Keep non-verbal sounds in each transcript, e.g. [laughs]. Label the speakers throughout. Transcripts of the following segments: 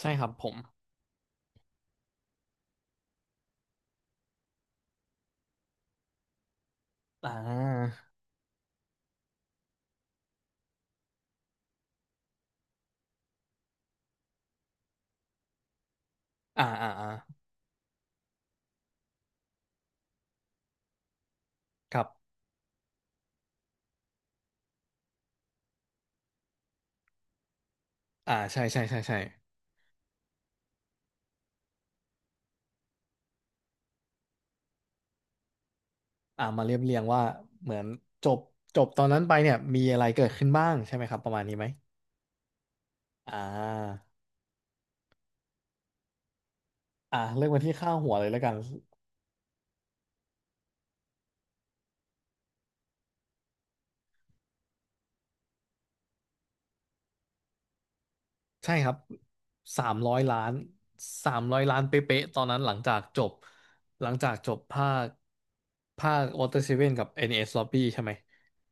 Speaker 1: ใช่ครับผมอ่าอ่าอ่าอ่าครับใช่ใช่ใช่ใช่มาเรียบเรียงว่าเหมือนจบจบตอนนั้นไปเนี่ยมีอะไรเกิดขึ้นบ้างใช่ไหมครับประมาณนี้ไหมอ่าเริ่มกันที่ค่าหัวเลยแล้วกัน ใช่ครับ300 ล้านสามร้อยล้านเป๊ะๆตอนนั้นหลังจากจบภาควอเตอร์เซเว่นกับ NS Lobby ใช่ไหม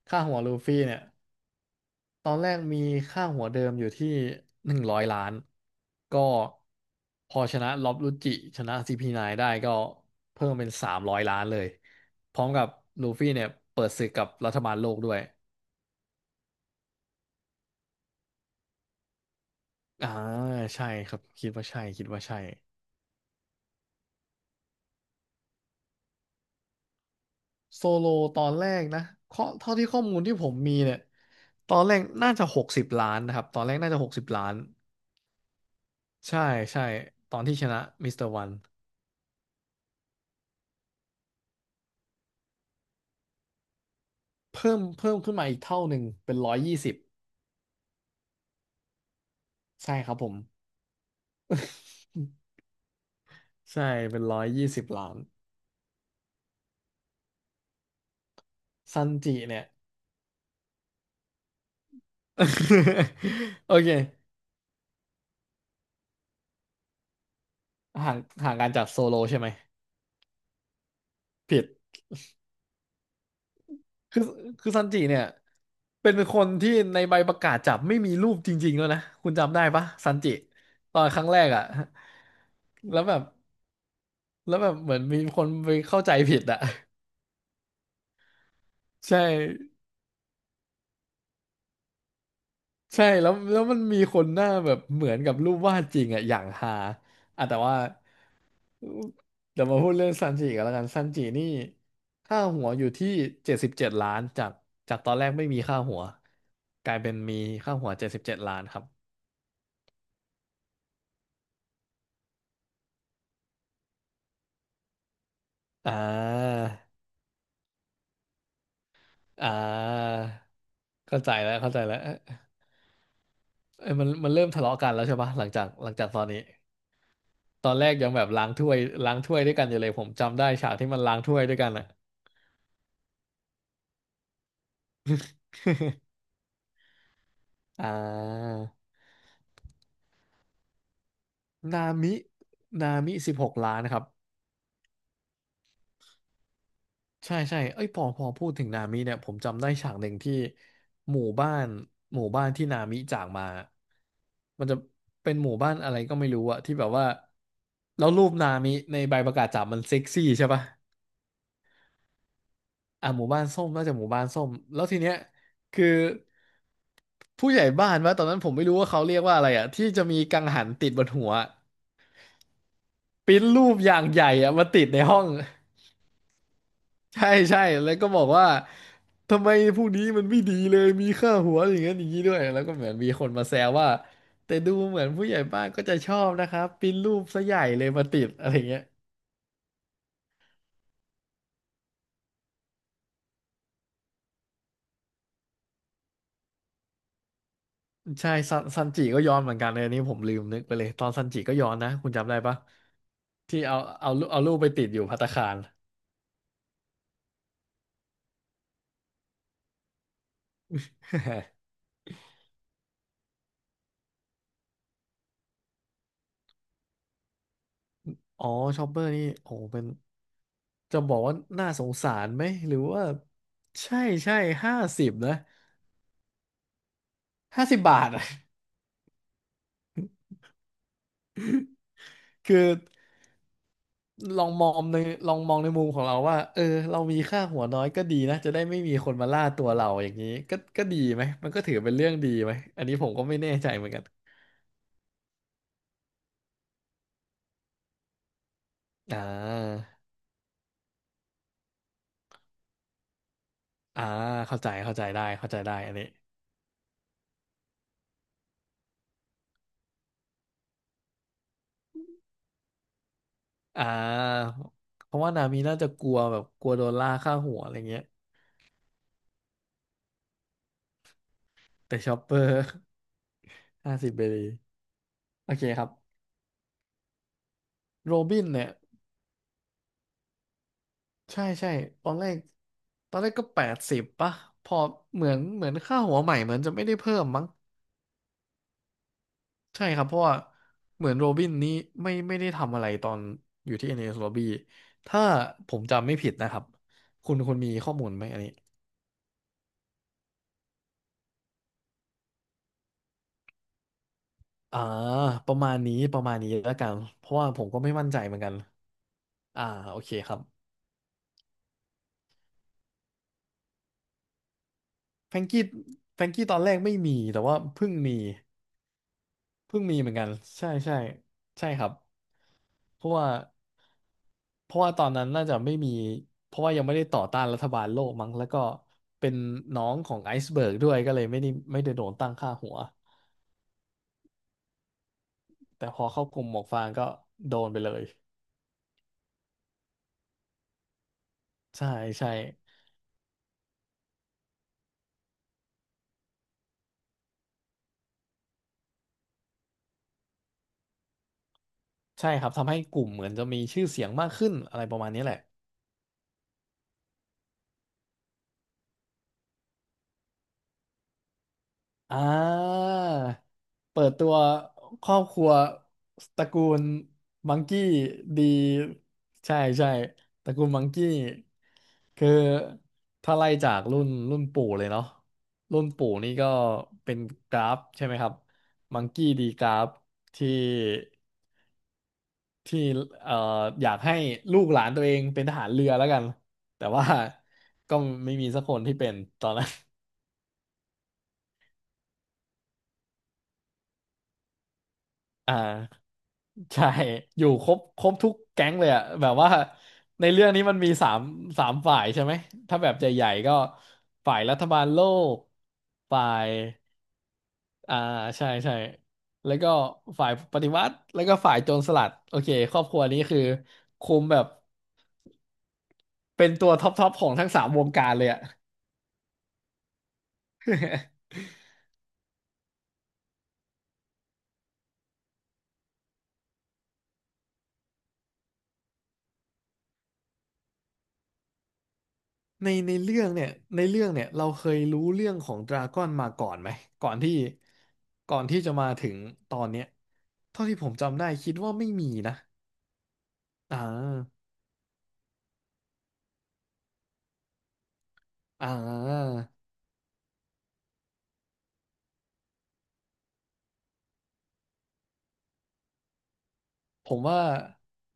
Speaker 1: ค่าหัวลูฟี่เนี่ย ตอนแรกมีค่าหัวเดิมอยู่ที่100 ล้านก็พอชนะล็อบรุจิชนะ CP9 ไนน์ได้ก็เพิ่มเป็นสามร้อยล้านเลยพร้อมกับลูฟี่เนี่ยเปิดศึกกับรัฐบาลโลกด้วยอ่าใช่ครับคิดว่าใช่คิดว่าใช่โซโลตอนแรกนะเท่าที่ข้อมูลที่ผมมีเนี่ยตอนแรกน่าจะหกสิบล้านนะครับตอนแรกน่าจะหกสิบล้านใช่ใช่ตอนที่ชนะมิสเตอร์วันเพิ่มขึ้นมาอีกเท่าหนึ่งเป็นร้อยยี่สิบใช่ครับผม ใช่เป็น120 ล้านซันจิเนี่ย [laughs] โอเคห่างห่างกันจากโซโลใช่ไหมผิดคือคือซันจิเนี่ยเป็นคนที่ในใบประกาศจับไม่มีรูปจริงๆแล้วนะคุณจำได้ปะซันจิตอนครั้งแรกอ่ะ [laughs] แล้วแบบแล้วแบบเหมือนมีคนไปเข้าใจผิดอ่ะ [laughs] ใช่ใช่แล้วมันมีคนหน้าแบบเหมือนกับรูปวาดจริงอ่ะอย่างฮาอ่ะแต่ว่า เดี๋ยวมาพูดเรื่องซันจิกันแล้วกันซันจินี่ค่าหัวอยู่ที่เจ็ดสิบเจ็ดล้านจากจากตอนแรกไม่มีค่าหัวกลายเป็นมีค่าหัวเจ็ดสิบเจ็ดล้านครับอ่าอ่าเข้าใจแล้วเข้าใจแล้วเอ้ยเอ้ยมันเริ่มทะเลาะกันแล้วใช่ปะหลังจากตอนนี้ตอนแรกยังแบบล้างถ้วยด้วยกันอยู่เลยผมจำได้ฉากที่มันล้างถ้วยด้วยกันอ่ะอ่านามินามิ16 ล้านครับ ใช่ใช่เอ้ยพอพูดถึงนามิเนี่ยผมจำได้ฉากหนึ่งที่หมู่บ้านหมู่บ้านที่นามิจากมามันจะเป็นหมู่บ้านอะไรก็ไม่รู้อะที่แบบว่าแล้วรูปนามิในใบประกาศจับมันเซ็กซี่ใช่ปะอ่ะหมู่บ้านส้มน่าจะหมู่บ้านส้มแล้วทีเนี้ยคือผู้ใหญ่บ้านวะตอนนั้นผมไม่รู้ว่าเขาเรียกว่าอะไรอะที่จะมีกังหันติดบนหัวปริ้นรูปอย่างใหญ่อะมาติดในห้อง ใช่ใช่แล้วก็บอกว่าทำไมพวกนี้มันไม่ดีเลยมีค่าหัวอย่างนั้นอย่างนี้ด้วยแล้วก็เหมือนมีคนมาแซวว่าแต่ดูเหมือนผู้ใหญ่บ้านก็จะชอบนะครับปิ้นรูปซะใหญ่เลยมาติดอะไรเงี้ยใช่ซันจิก็ย้อนเหมือนกันเลยอันนี้ผมลืมนึกไปเลยตอนซันจิก็ย้อนนะคุณจำได้ภัที่เอารูปไปติดอยู่ภัตตาคาร [laughs] อ๋อชอปเปอร์นี่โอ้เป็นจะบอกว่าน่าสงสารไหมหรือว่าใช่ใช่ห้าสิบนะ50 บาทอะ [laughs] คือ ลองมองในลองมองในมุมของเราว่าเออเรามีค่าหัวน้อยก็ดีนะจะได้ไม่มีคนมาล่าตัวเราอย่างนี้ก็ก็ดีไหมมันก็ถือเป็นเรื่องดีไหมอันนี้ผมก็ไม่แน่ใจเหมือนกันอ่าอ่าเข้าใจได้เข้าใจได้อันนี้อ่าเพราะว่านามีน่าจะกลัวแบบกลัวโดนล่าค่าหัวอะไรเงี้ยแต่ชอปเปอร์ [laughs] 50 เบรีโอเคครับโรบินเนี่ยใช่ใช่ตอนแรกตอนแรกก็80ป่ะพอเหมือนค่าหัวใหม่เหมือนจะไม่ได้เพิ่มมั้ง ใช่ครับเพราะว่าเหมือนโรบินนี้ไม่ได้ทำอะไรตอนอยู่ที่ NS Lobby ถ้าผมจำไม่ผิดนะครับคุณมีข้อมูลไหมอันนี้อ่าประมาณนี้ประมาณนี้แล้วกันเพราะว่าผมก็ไม่มั่นใจเหมือนกันอ่าโอเคครับแฟรงกี้แฟรงกี้ตอนแรกไม่มีแต่ว่าเพิ่งมี เพิ่งมีเหมือนกันใช่ใช่ใช่ครับเพราะว่าเพราะว่าตอนนั้นน่าจะไม่มีเพราะว่ายังไม่ได้ต่อต้านรัฐบาลโลกมั้งแล้วก็เป็นน้องของไอซ์เบิร์กด้วยก็เลยไม่ได้โดนตั้งค่าหัวแต่พอเข้ากลุ่มหมวกฟางก็โดนไปเลยใช่ใช่ใช่ครับทำให้กลุ่มเหมือนจะมีชื่อเสียงมากขึ้นอะไรประมาณนี้แหละ อ่า เปิดตัวครอบครัวตระกูลมังกี้ดีใช่ใช่ตระกูลมังกี้คือถ้าไล่จากรุ่นปู่เลยเนาะรุ่นปู่นี่ก็เป็นกราฟใช่ไหมครับมังกี้ดีกราฟที่ที่เอ่ออยากให้ลูกหลานตัวเองเป็นทหารเรือแล้วกันแต่ว่าก็ไม่มีสักคนที่เป็นตอนนั้น [laughs] อ่า ใช่อยู่ครบทุกแก๊งเลยอะแบบว่าในเรื่องนี้มันมีสามฝ่ายใช่ไหม ถ้าแบบใหญ่ๆก็ฝ่ายรัฐบาลโลก ฝ่ายอ่าใช่ใช่แล้วก็ฝ่ายปฏิวัติ แล้วก็ฝ่ายโจรสลัด โอเคครอบครัวนี้คือคุมแบบเป็นตัวท็อปของทั้งสามวงการเลยอะ [laughs] ในเรื่องเนี่ยในเรื่องเนี่ยเราเคยรู้เรื่องของดราก้อนมาก่อนไหมก่อนที่ก่อนที่จะมาถึงตอนเนี้ยเท่าที่ผมจำได้คิดว่าไม่มีนะอ่าอ่าผมว่า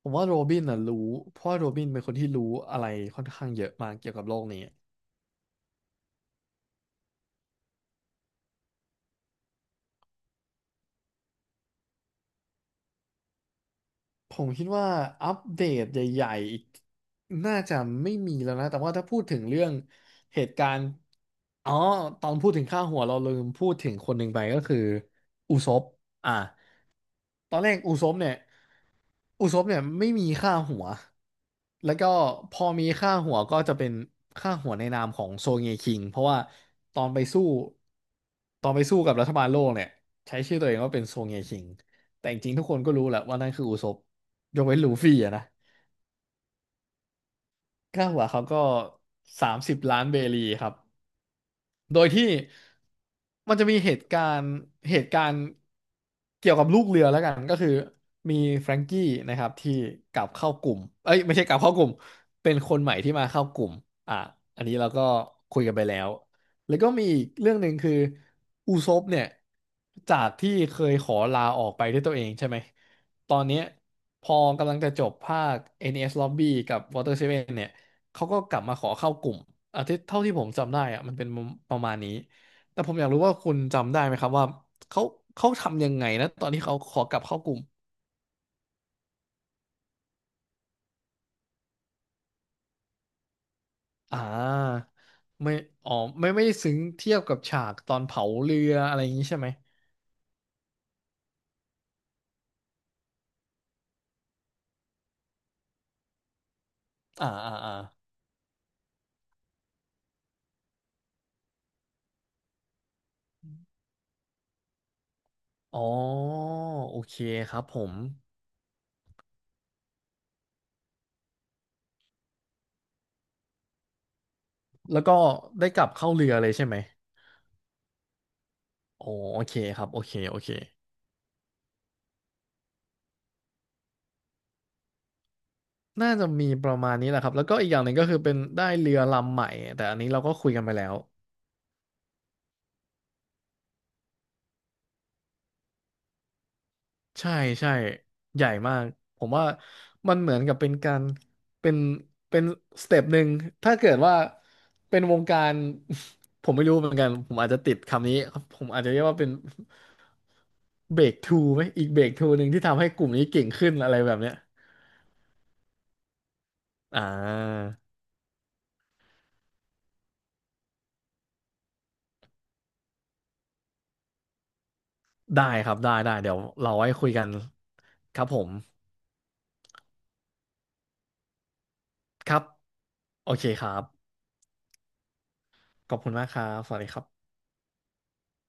Speaker 1: ผมว่าโรบินน่ะรู้เพราะว่าโรบินเป็นคนที่รู้อะไรค่อนข้างเยอะมากเกี่ยวกับโลกนี้ ผมคิดว่าอัปเดตใหญ่ๆอีกน่าจะไม่มีแล้วนะแต่ว่าถ้าพูดถึงเรื่องเหตุการณ์อ๋อตอนพูดถึงค่าหัวเราลืมพูดถึงคนหนึ่งไปก็คืออุซบอ่ะตอนแรกอุซบเนี่ย อุซบเนี่ยไม่มีค่าหัวแล้วก็พอมีค่าหัวก็จะเป็นค่าหัวในนามของโซเงคิงเพราะว่าตอนไปสู้ตอนไปสู้กับรัฐบาลโลกเนี่ยใช้ชื่อตัวเองว่าเป็นโซเงคิงแต่จริงๆทุกคนก็รู้แหละว่านั่นคืออุซบยกเว้นลูฟี่อะนะค่าหัวเขาก็30,000,000 เบรีครับ โดยที่มันจะมีเหตุการณ์เกี่ยวกับลูกเรือแล้วกันก็คือมีแฟรงกี้นะครับที่กลับเข้ากลุ่มเอ้ยไม่ใช่กลับเข้ากลุ่ม เป็นคนใหม่ที่มาเข้ากลุ่มอ่ะอันนี้เราก็คุยกันไปแล้ว แล้วก็มีอีกเรื่องหนึ่งคืออูซบเนี่ยจากที่เคยขอลาออกไปด้วยตัวเองใช่ไหม ตอนเนี้ยพอกำลังจะจบภาค NES Lobby กับ Water Seven เนี่ย เขาก็กลับมาขอเข้ากลุ่มอ่ะที่เท่าที่ผมจำได้อะมันเป็นประมาณนี้แต่ผมอยากรู้ว่าคุณจำได้ไหมครับว่าเขาเขาทำยังไงนะตอนที่เขาขอกลับเข้ากลุ่มอ่าไม่อ๋อไม่ได้ซึ้งเทียบกับฉากตอนเผาเรืออะไรอย่างนี้ใช่ไหมอ่าอ่าอ่าอ๋อโอเคครับผมแล้วก็ได้กลับเข้าเรือเลยใช่ไหมอ๋อโอเคครับโอเคโอเคน่าจะมีประมาณนี้แหละครับแล้วก็อีกอย่างหนึ่งก็คือเป็นได้เรือลำใหม่แต่อันนี้เราก็คุยกันไปแล้ว ใช่ใช่ใหญ่มากผมว่ามันเหมือนกับเป็นการเป็นเป็นสเต็ปหนึ่งถ้าเกิดว่าเป็นวงการ [laughs] ผมไม่รู้เหมือนกันผมอาจจะติดคำนี้ผมอาจจะเรียกว่าเป็นเบรกทูไหมอีกเบรกทูหนึ่งที่ทำให้กลุ่มนี้เก่งขึ้นอะไรแบบเนี้ยอ่าได้ครับได้เดี๋ยวเราไว้คุยกันครับผมครับโอเคครับขอบคุณมากครับสวัสดีครับ